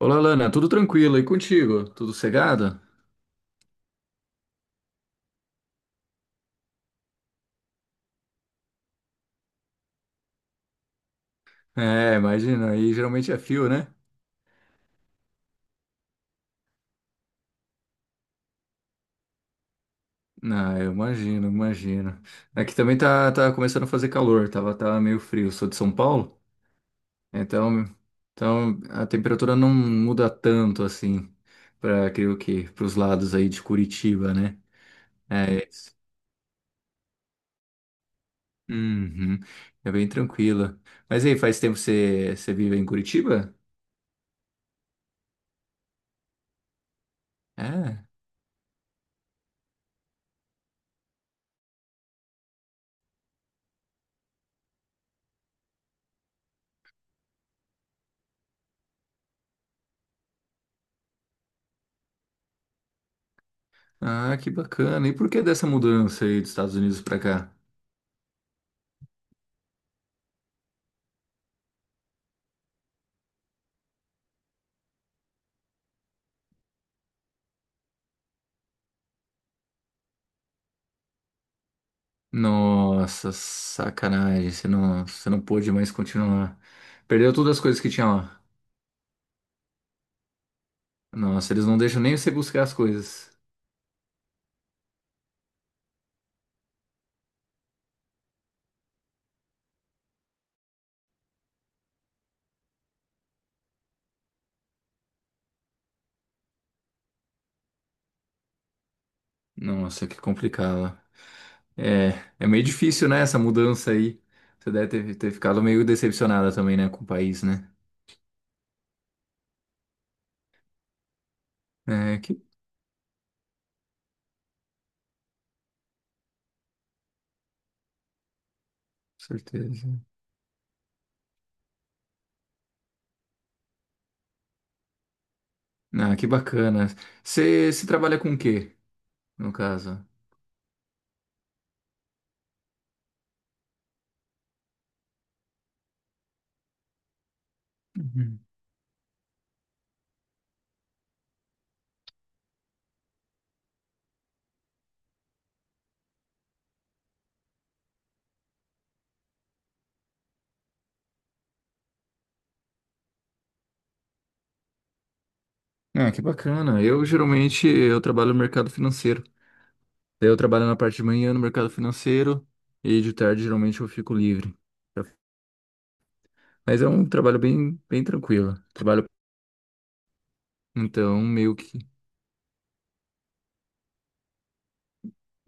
Olá, Lana, tudo tranquilo e contigo? Tudo cegado? É, imagina, aí geralmente é fio, né? Ah, eu imagino, imagino. Aqui também tá começando a fazer calor, tava meio frio. Sou de São Paulo, então, então a temperatura não muda tanto assim, para creio que para os lados aí de Curitiba, né? É, isso. Uhum, é bem tranquila. Mas aí, faz tempo que você vive em Curitiba? É. Ah, que bacana. E por que dessa mudança aí dos Estados Unidos para cá? Nossa, sacanagem. Você não pôde mais continuar. Perdeu todas as coisas que tinha lá. Nossa, eles não deixam nem você buscar as coisas. Nossa, que complicado. É, é meio difícil, né, essa mudança aí. Você deve ter ficado meio decepcionada também, né, com o país, né? É, que com certeza. Ah, que bacana. Você, se trabalha com o quê, no caso? Uhum. Ah, que bacana. Eu geralmente eu trabalho no mercado financeiro. Daí eu trabalho na parte de manhã no mercado financeiro e de tarde geralmente eu fico livre. Mas é um trabalho bem tranquilo. Trabalho, então, meio que.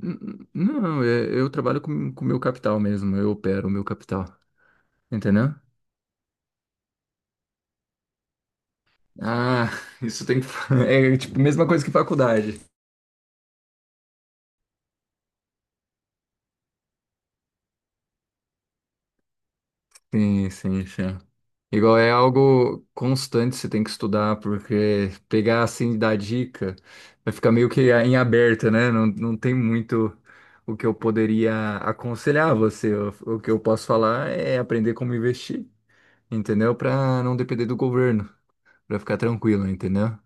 Não, eu trabalho com o meu capital mesmo, eu opero o meu capital, entendeu? Ah, isso tem que. É tipo a mesma coisa que faculdade. Sim, sim, sim. Igual é algo constante, você tem que estudar, porque pegar assim e dar dica vai ficar meio que em aberta, né? Não tem muito o que eu poderia aconselhar você. O que eu posso falar é aprender como investir, entendeu? Para não depender do governo, para ficar tranquilo, entendeu?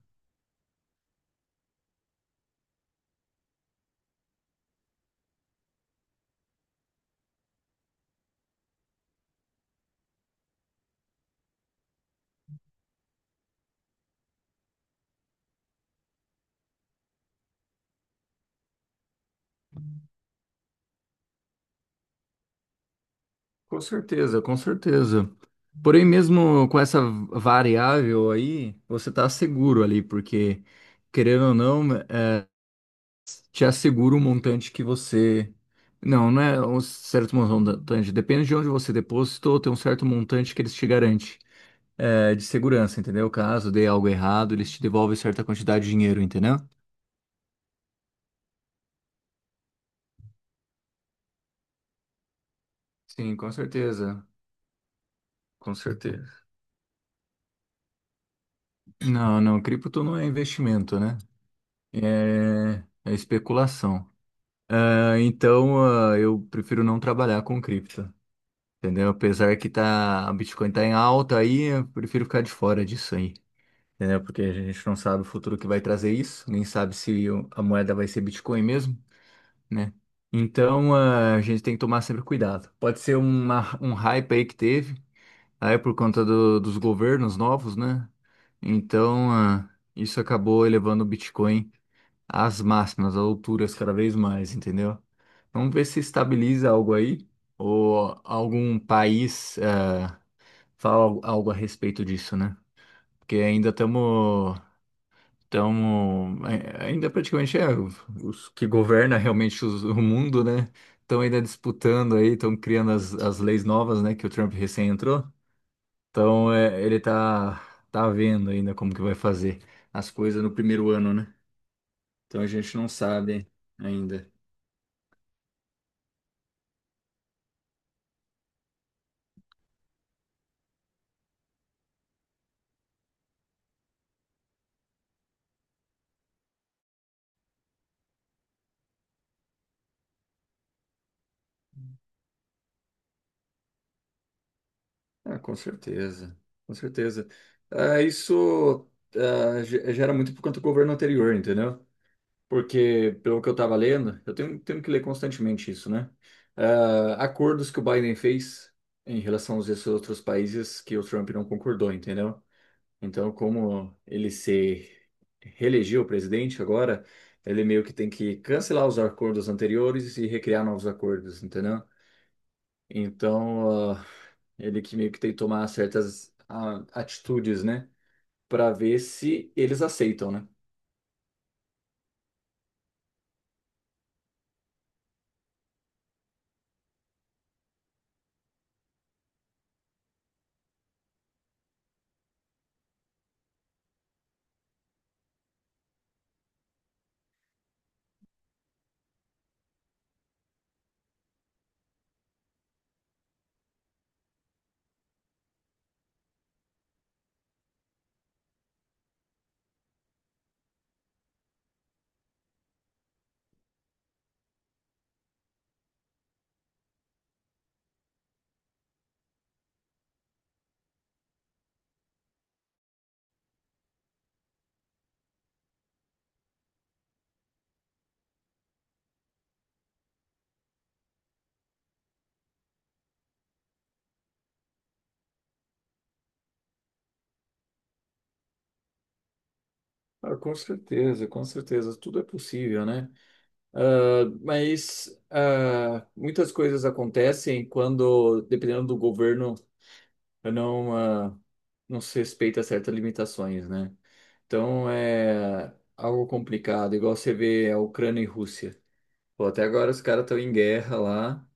Com certeza, com certeza. Porém, mesmo com essa variável aí, você tá seguro ali, porque querendo ou não, te assegura o montante que você. Não, não é um certo montante. Depende de onde você depositou, tem um certo montante que eles te garantem, é, de segurança, entendeu? Caso dê algo errado, eles te devolvem certa quantidade de dinheiro, entendeu? Sim, com certeza. Com certeza. Não, não, cripto não é investimento, né? É, é especulação. Ah, então, eu prefiro não trabalhar com cripto, entendeu? Apesar que tá, a Bitcoin tá em alta aí, eu prefiro ficar de fora disso aí, entendeu? Porque a gente não sabe o futuro que vai trazer isso, nem sabe se a moeda vai ser Bitcoin mesmo, né? Então, a gente tem que tomar sempre cuidado. Pode ser uma, um hype aí que teve, aí é por conta dos governos novos, né? Então, isso acabou elevando o Bitcoin às máximas, às alturas cada vez mais, entendeu? Vamos ver se estabiliza algo aí, ou algum país, fala algo algo a respeito disso, né? Porque ainda estamos. Então, ainda praticamente é os que governa realmente o mundo, né? Estão ainda disputando aí, estão criando as leis novas, né? Que o Trump recém entrou. Então, é, ele tá vendo ainda como que vai fazer as coisas no primeiro ano, né? Então, a gente não sabe ainda. Ah, com certeza, com certeza. Ah, isso gera muito por conta do governo anterior, entendeu? Porque, pelo que eu estava lendo, eu tenho que ler constantemente isso, né? Ah, acordos que o Biden fez em relação aos esses outros países que o Trump não concordou, entendeu? Então, como ele se reelegeu presidente agora, ele meio que tem que cancelar os acordos anteriores e recriar novos acordos, entendeu? Então, ele que meio que tem que tomar certas atitudes, né? Para ver se eles aceitam, né? Ah, com certeza, tudo é possível, né? Ah, mas muitas coisas acontecem quando, dependendo do governo, não, não se respeita certas limitações, né? Então é algo complicado, igual você vê a Ucrânia e Rússia. Pô, até agora os caras estão em guerra lá,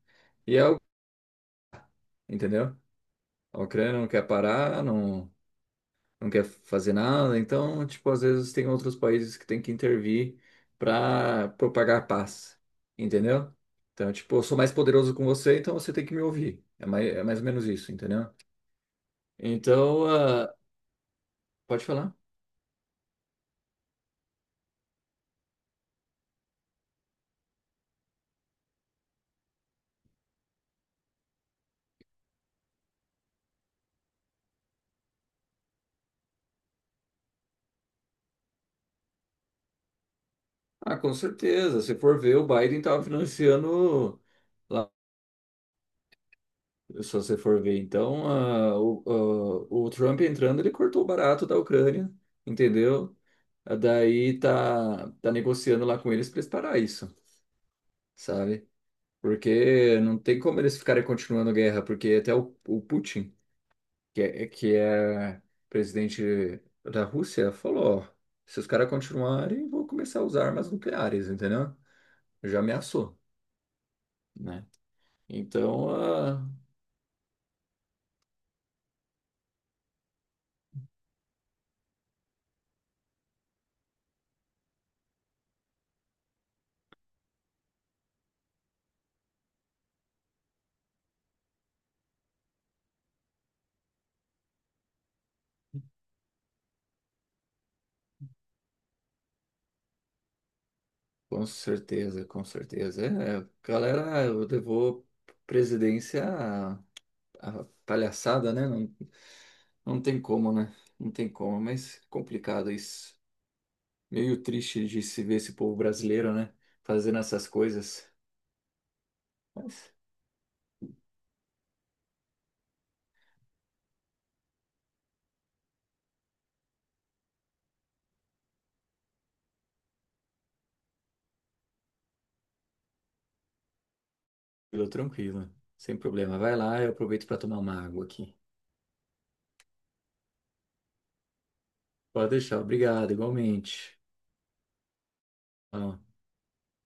e é algo, entendeu? A Ucrânia não quer parar, não, não quer fazer nada. Então, tipo, às vezes tem outros países que tem que intervir para propagar a paz, entendeu? Então, tipo, eu sou mais poderoso com você, então você tem que me ouvir. É mais ou menos isso, entendeu? Então, ah, pode falar? Ah, com certeza. Se for ver, o Biden estava financiando lá, se você for ver. Então, ah, o Trump entrando, ele cortou barato da Ucrânia, entendeu? Ah, daí tá negociando lá com eles para eles parar isso, sabe? Porque não tem como eles ficarem continuando a guerra, porque até o Putin, que é presidente da Rússia, falou, ó, se os caras continuarem, vou começar a usar armas nucleares, entendeu? Já ameaçou, né? Então, com certeza, com certeza. É, galera, eu devo presidência à, à palhaçada, né? Não, não tem como, né? Não tem como, mas complicado isso. Meio triste de se ver esse povo brasileiro, né? Fazendo essas coisas. Mas, tranquilo, tranquilo. Sem problema. Vai lá, eu aproveito para tomar uma água aqui. Pode deixar, obrigado, igualmente. Tchau.